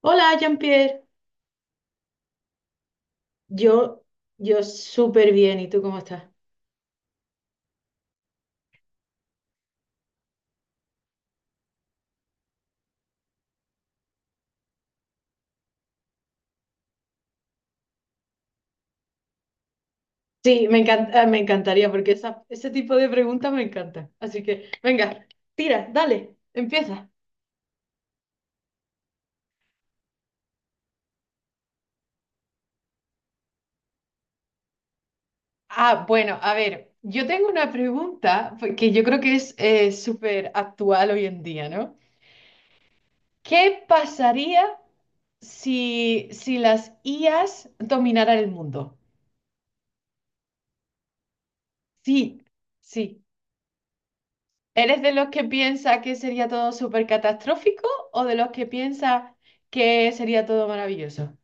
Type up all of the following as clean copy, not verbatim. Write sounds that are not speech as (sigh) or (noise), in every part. Hola, Jean-Pierre. Yo, yo súper bien. ¿Y tú cómo estás? Sí, me encanta, me encantaría porque ese tipo de preguntas me encanta. Así que, venga, tira, dale, empieza. Ah, bueno, a ver, yo tengo una pregunta pues, que yo creo que es súper actual hoy en día, ¿no? ¿Qué pasaría si las IAs dominaran el mundo? Sí, sí. ¿Eres de los que piensa que sería todo súper catastrófico o de los que piensa que sería todo maravilloso?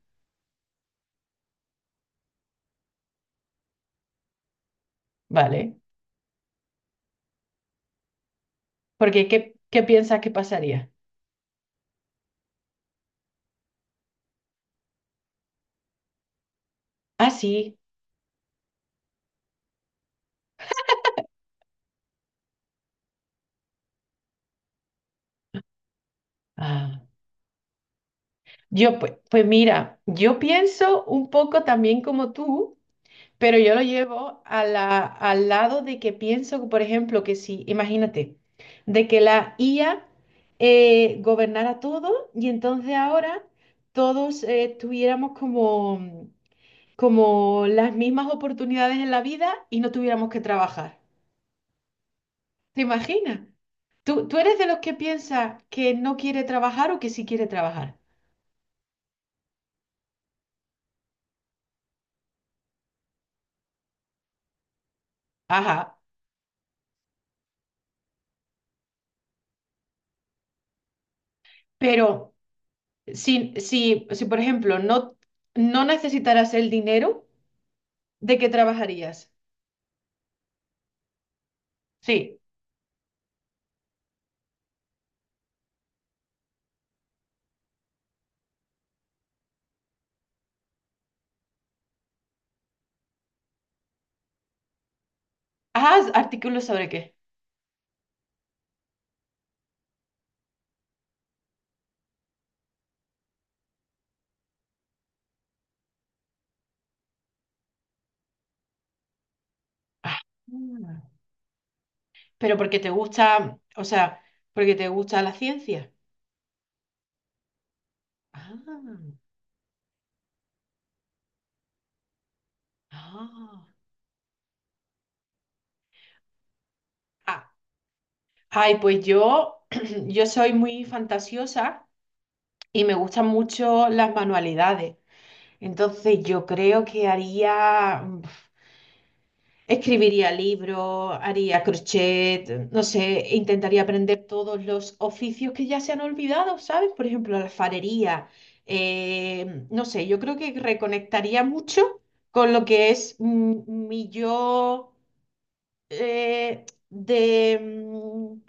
Vale, porque ¿qué piensas que pasaría? Ah, sí. Ah, yo, pues, pues mira, yo pienso un poco también como tú, pero yo lo llevo a al lado de que pienso, por ejemplo, que si, imagínate, de que la IA gobernara todo y entonces ahora todos tuviéramos como como las mismas oportunidades en la vida y no tuviéramos que trabajar. ¿Te imaginas? ¿Tú eres de los que piensa que no quiere trabajar o que sí quiere trabajar? Ajá, pero si por ejemplo, no, no necesitaras el dinero, ¿de qué trabajarías? Sí. Ah, artículos sobre qué. Ah, pero porque te gusta, o sea, porque te gusta la ciencia. Ah, ah. Ah, ay, pues yo, (clears throat) yo soy muy fantasiosa y me gustan mucho las manualidades. Entonces yo creo que haría, escribiría libros, haría crochet, no sé, intentaría aprender todos los oficios que ya se han olvidado, ¿sabes? Por ejemplo, la alfarería. No sé, yo creo que reconectaría mucho con lo que es mi yo eh, de, mm,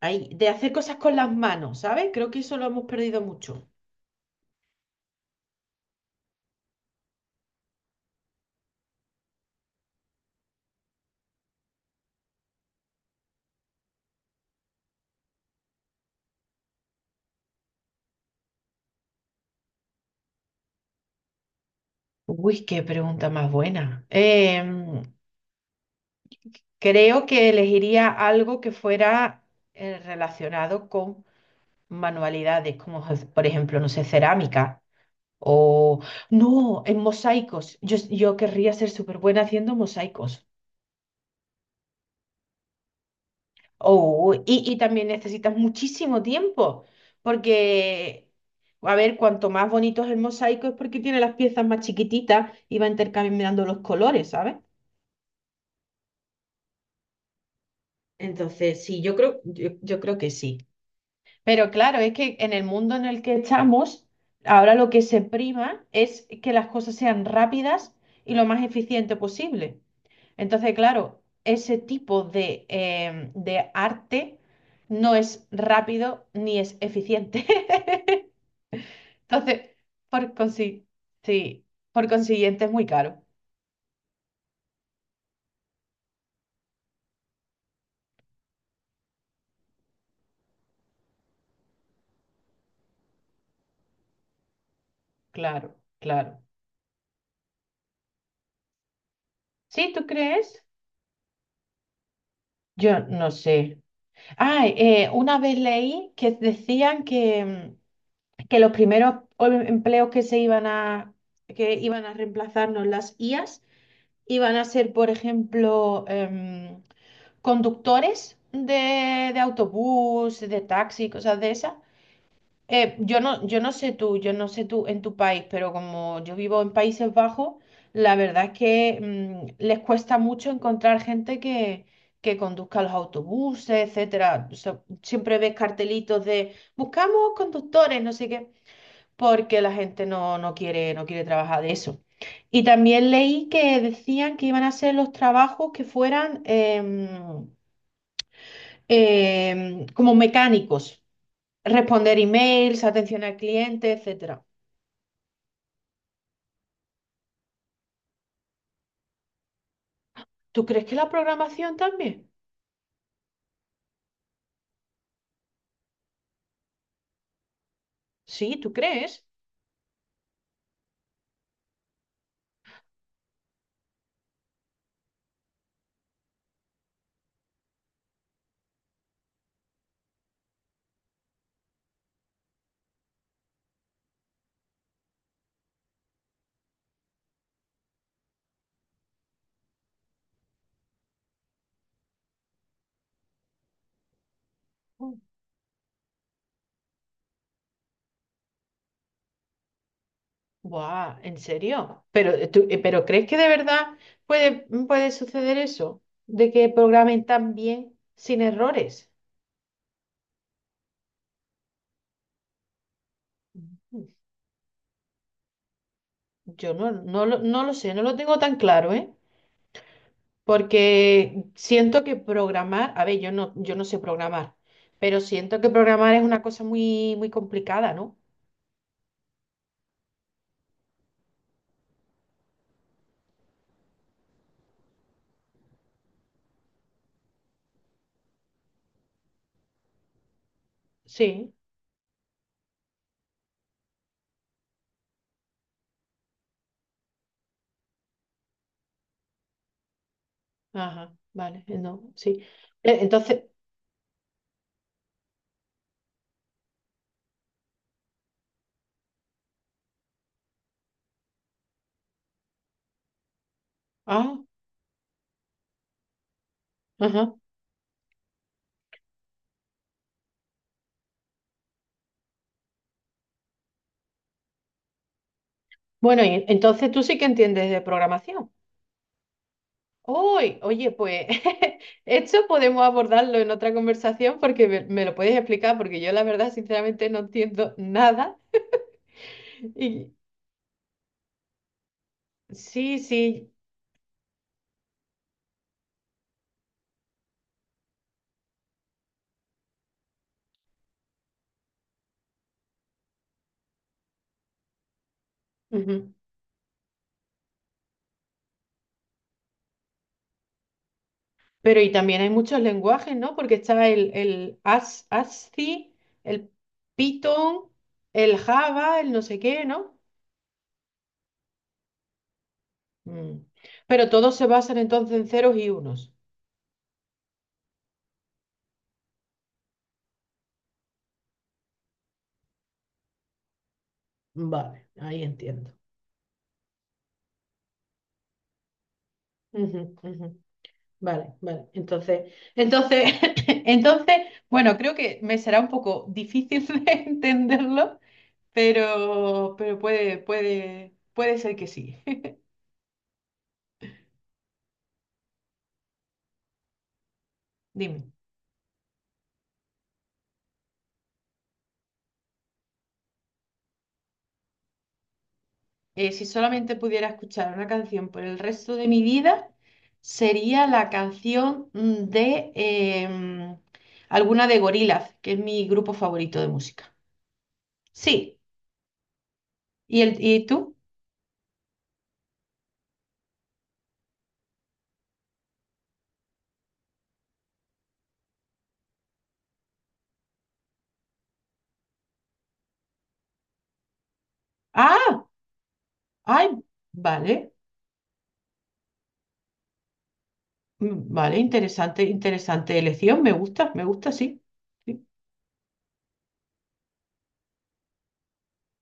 ay, de hacer cosas con las manos, ¿sabes? Creo que eso lo hemos perdido mucho. Uy, qué pregunta más buena. Creo que elegiría algo que fuera relacionado con manualidades, como por ejemplo, no sé, cerámica o no, en mosaicos. Yo querría ser súper buena haciendo mosaicos. Oh, y también necesitas muchísimo tiempo, porque, a ver, cuanto más bonito es el mosaico es porque tiene las piezas más chiquititas y va intercambiando los colores, ¿sabes? Entonces, sí, yo creo que sí. Pero claro, es que en el mundo en el que estamos, ahora lo que se prima es que las cosas sean rápidas y lo más eficiente posible. Entonces, claro, ese tipo de, de arte no es rápido ni es eficiente. (laughs) Entonces, por consi- sí, por consiguiente es muy caro. Claro, claro. ¿Sí, tú crees? Yo no sé. Ah, una vez leí que decían que, que los primeros empleos que se que iban a reemplazarnos las IAs iban a ser, por ejemplo, conductores de autobús, de taxi, cosas de esas. Yo no sé tú, yo no sé tú en tu país, pero como yo vivo en Países Bajos, la verdad es que les cuesta mucho encontrar gente que conduzca los autobuses, etcétera. O sea, siempre ves cartelitos de buscamos conductores, no sé qué porque la gente no quiere, no quiere trabajar de eso. Y también leí que decían que iban a ser los trabajos que fueran como mecánicos, responder emails, atención al cliente, etcétera. ¿Tú crees que la programación también? Sí, ¿tú crees? Mm. Buah, ¿en serio? Pero, ¿pero crees que de verdad puede, puede suceder eso? De que programen tan bien sin errores. Mm. Yo no, no, lo- no lo sé, no lo tengo tan claro, ¿eh? Porque siento que programar, a ver, yo no sé programar, pero siento que programar es una cosa muy complicada, ¿no? Sí, ajá, vale, no, sí. Entonces, ah, ajá. Bueno, y entonces tú sí que entiendes de programación. Uy, oye, pues (laughs) esto podemos abordarlo en otra conversación porque me lo puedes explicar, porque yo la verdad, sinceramente, no entiendo nada. Y sí, sí. Ujú. Pero y también hay muchos lenguajes, ¿no? Porque está el ASCII, el Python, el Java, el no sé qué, ¿no? Mm. Pero todos se basan entonces en ceros y unos. Vale, ahí entiendo. Ujú, ujú. Vale, vale. (laughs) Entonces, bueno, creo que me será un poco difícil (laughs) de entenderlo, pero puede ser que sí. (laughs) Dime. Si solamente pudiera escuchar una canción por el resto de mi vida, sería la canción de alguna de Gorillaz, que es mi grupo favorito de música. Sí. ¿Y, el, y tú? Ah, ay, vale. Mm, vale, interesante, interesante elección. Me gusta, sí. Sí.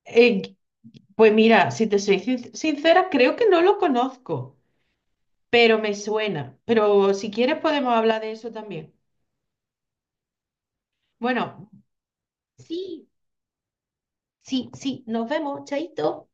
Eh, pues mira, si te soy sincera, creo que no lo conozco, pero me suena. Pero si quieres podemos hablar de eso también. Bueno, sí, sí, sí, nos vemos, chaito.